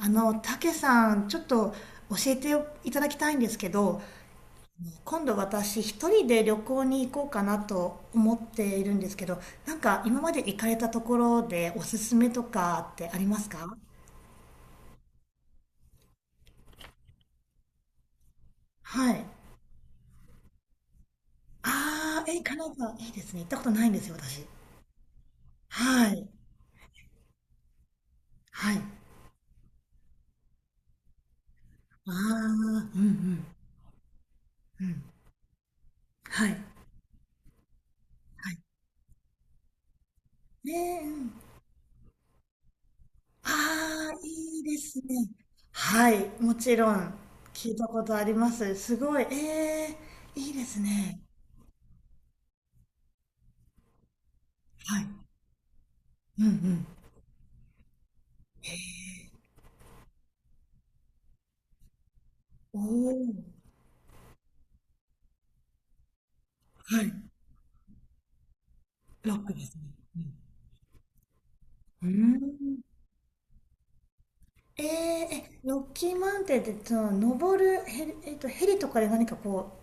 あの、たけさん、ちょっと教えていただきたいんですけど、今度私一人で旅行に行こうかなと思っているんですけど、なんか今まで行かれたところでおすすめとかってありますか？はい。ああ、え、カナダ、いいですね。行ったことないんですよ、私。はい。はい。ああ、うんうん。うん。はい。はい。ねえ、うん、ああ、いいですね。はい、もちろん聞いたことあります。すごい、ええ、いいですね。はい。うんうん。おお、はい。ロックですね。うん。うーん。ええ、え、ロッキーマウンテンって、その、登るヘリとかで何かこ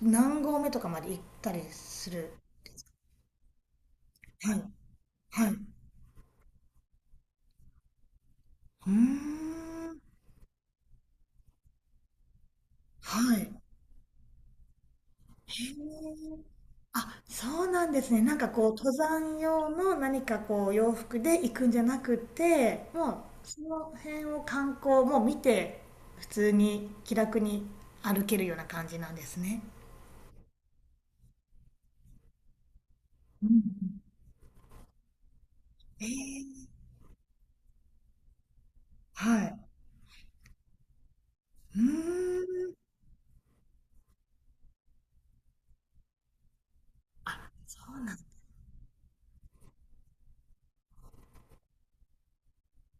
う、何合目とかまで行ったりする？はい。はい。うーん。はい。へえ。あ、そうなんですね。なんかこう、登山用の何かこう、洋服で行くんじゃなくて、もう、その辺を観光もう見て、普通に気楽に歩けるような感じなんですね。うんうん、えー、はい。うーん、そうなん、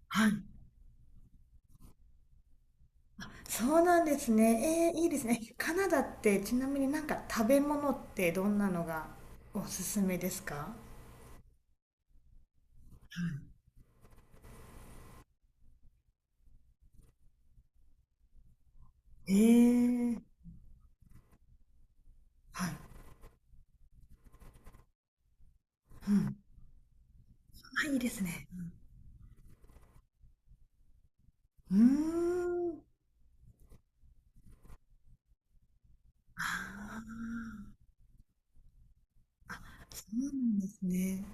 はい。そうなんですね。いいですね。カナダってちなみになんか食べ物ってどんなのがおすすめですか？えー、はい。うん。あ、いいですね。うーん。ああ、そうなんですね。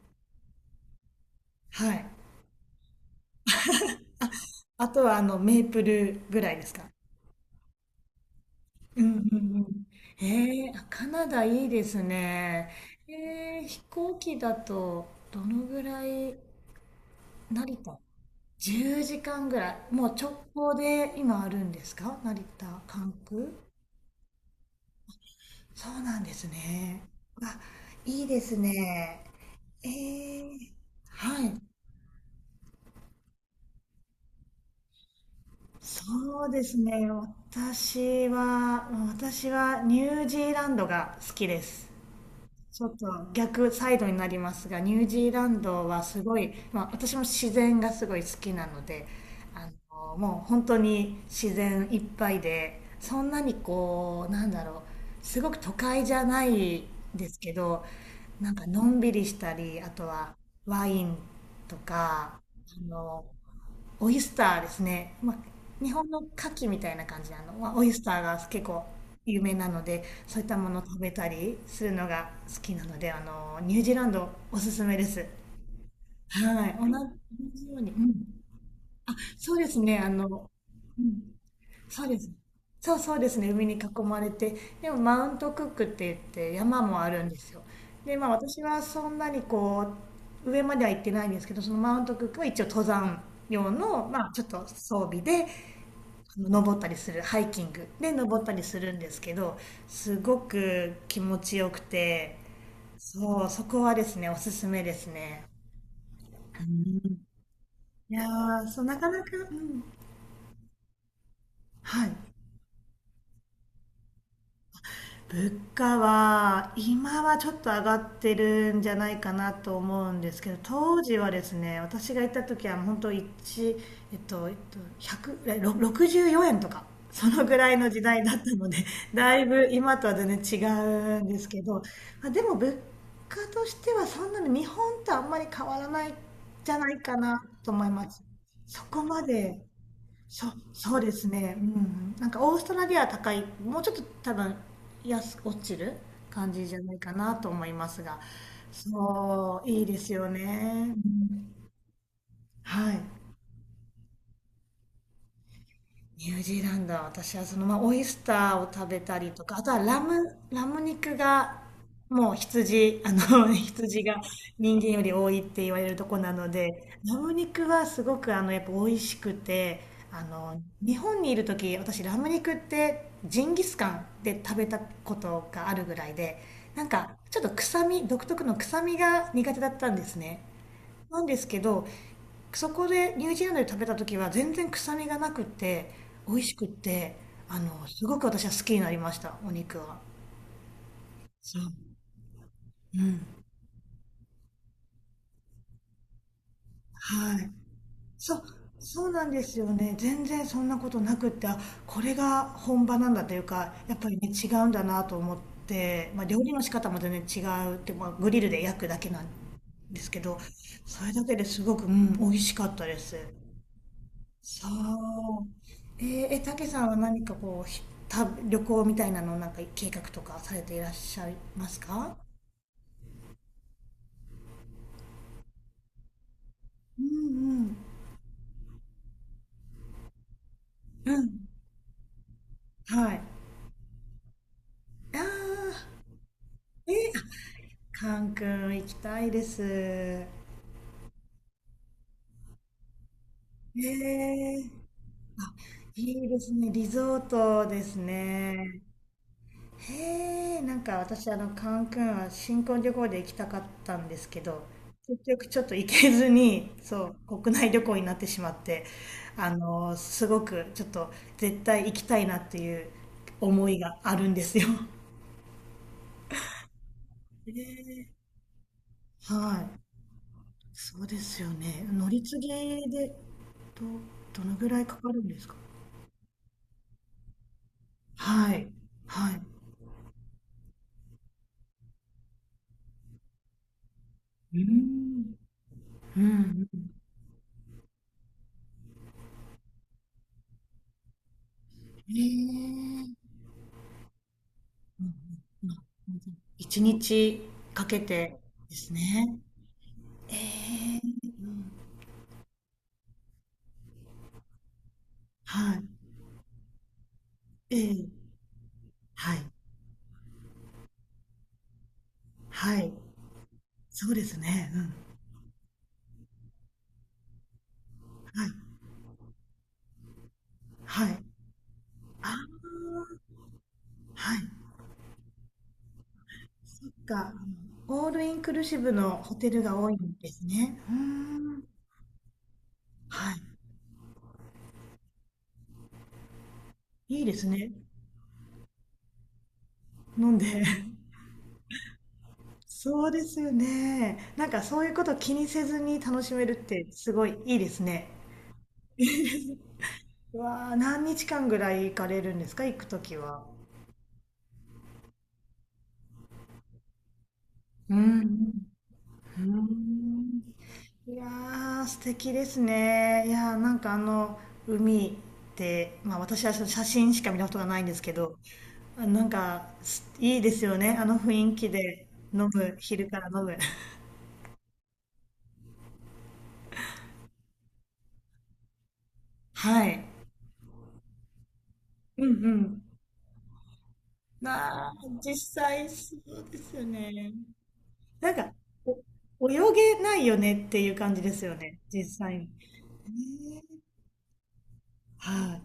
はい。あとはあのメープルぐらいですか？うんうんうん。あ、カナダいいですね。飛行機だとどのぐらい？成田？ 10 時間ぐらい。もう直行で今あるんですか？成田、関空？そうなんですね。あ、いいですね。えー、はい。そうですね。私はニュージーランドが好きです。ちょっと逆サイドになりますが、ニュージーランドはすごい、まあ、私も自然がすごい好きなので、あの、もう本当に自然いっぱいで、そんなにこう、なんだろう、すごく都会じゃないですけど、なんかのんびりしたり、あとはワインとか、あの、オイスターですね。まあ、日本の牡蠣みたいな感じなの、まあ、オイスターが結構有名なので、そういったものを食べたりするのが好きなので、あの、ニュージーランドおすすめです。はい。同じように。うん。そうですね。あの、うん。そうです。そうそうですね。海に囲まれて。でも、マウントクックって言って山もあるんですよ。で、まあ私はそんなにこう、上までは行ってないんですけど、そのマウントクックは一応登山用の、まあちょっと装備で、登ったりするハイキングで登ったりするんですけど、すごく気持ちよくて、そう、そこはですねおすすめですね。いやー、そうなかなか、うん、はい。物価は今はちょっと上がってるんじゃないかなと思うんですけど、当時はですね私が行った時は本当1、100えろ64円とかそのぐらいの時代だったので だいぶ今とは全然違うんですけど、まあ、でも物価としてはそんなに日本とあんまり変わらないんじゃないかなと思います。そこまでそそうですね、うん、なんかオーストラリアは高い、もうちょっと多分安く落ちる感じじゃないかなと思いますが、そう、いいですよね。うん、はい。ニュージーランドは私はそのまあオイスターを食べたりとか、あとはラム肉がもう羊、あの 羊が人間より多いって言われるとこなので、ラム肉はすごくあのやっぱ美味しくて、あの、日本にいる時私ラム肉ってジンギスカンで食べたことがあるぐらいで、なんかちょっと臭み、独特の臭みが苦手だったんですね。なんですけど、そこでニュージーランドで食べた時は全然臭みがなくて美味しくって、あのすごく私は好きになりました、お肉は。そう。うん、はい。そうそうなんですよね。全然そんなことなくって、あ、これが本場なんだというかやっぱりね違うんだなと思って、まあ、料理の仕方も全然違うって、まあ、グリルで焼くだけなんですけど、それだけですごく、うん、美味しかったです。そう。え、たけさんは何かこう、旅行みたいなのをなんか計画とかされていらっしゃいますか？うんうん。うん。はい。ああ、え、カン君行きたいです。ーあ、いいですね。リゾートですね。へえ、なんか私あのカンクンは新婚旅行で行きたかったんですけど、結局ちょっと行けずに、そう、国内旅行になってしまって、あの、すごくちょっと絶対行きたいなっていう思いがあるんですよ。へえ、はい。そうですよね。乗り継ぎで、ど、どのぐらいかかるんですか？はい。はい。うーん。うんうん。へえ、うんうんうん。一日かけてですね。ええ、はい。ええ、はい。はい。そうですね。うん。はい。はい。あ、はい。そっか。あのオールインクルーシブのホテルが多いんですね。うーん。はい。いいですね。飲んで。そうですよね。なんかそういうこと気にせずに楽しめるってすごいいいですね。うわあ、何日間ぐらい行かれるんですか、行くときは？うん。うーん、いやー素敵ですね。いやー、なんかあの海ってまあ私はその写真しか見たことがないんですけど、あ、なんかすいいですよね、あの雰囲気で。飲む、昼から飲む。はい。うんうん。なあ、実際そうですよね。なんか、お、泳げないよねっていう感じですよね、実際に。ねー、はい。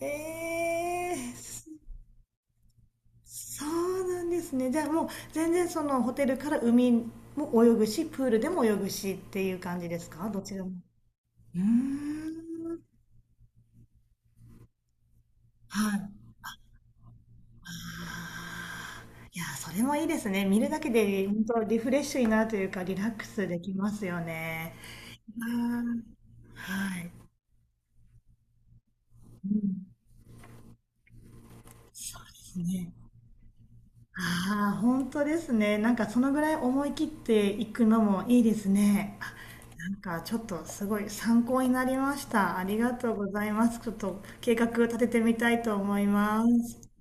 えーそうなんですね。じゃあもう全然そのホテルから海も泳ぐし、プールでも泳ぐしっていう感じですか、どちらも？うーん。はい。あー、いやー、それもいいですね。見るだけで本当リフレッシュになるというか、リラックスできますよね。あー、はい。うん。そうですね。ああ、本当ですね。なんかそのぐらい思い切っていくのもいいですね。あ、なんかちょっとすごい参考になりました。ありがとうございます。ちょっと計画立ててみたいと思います。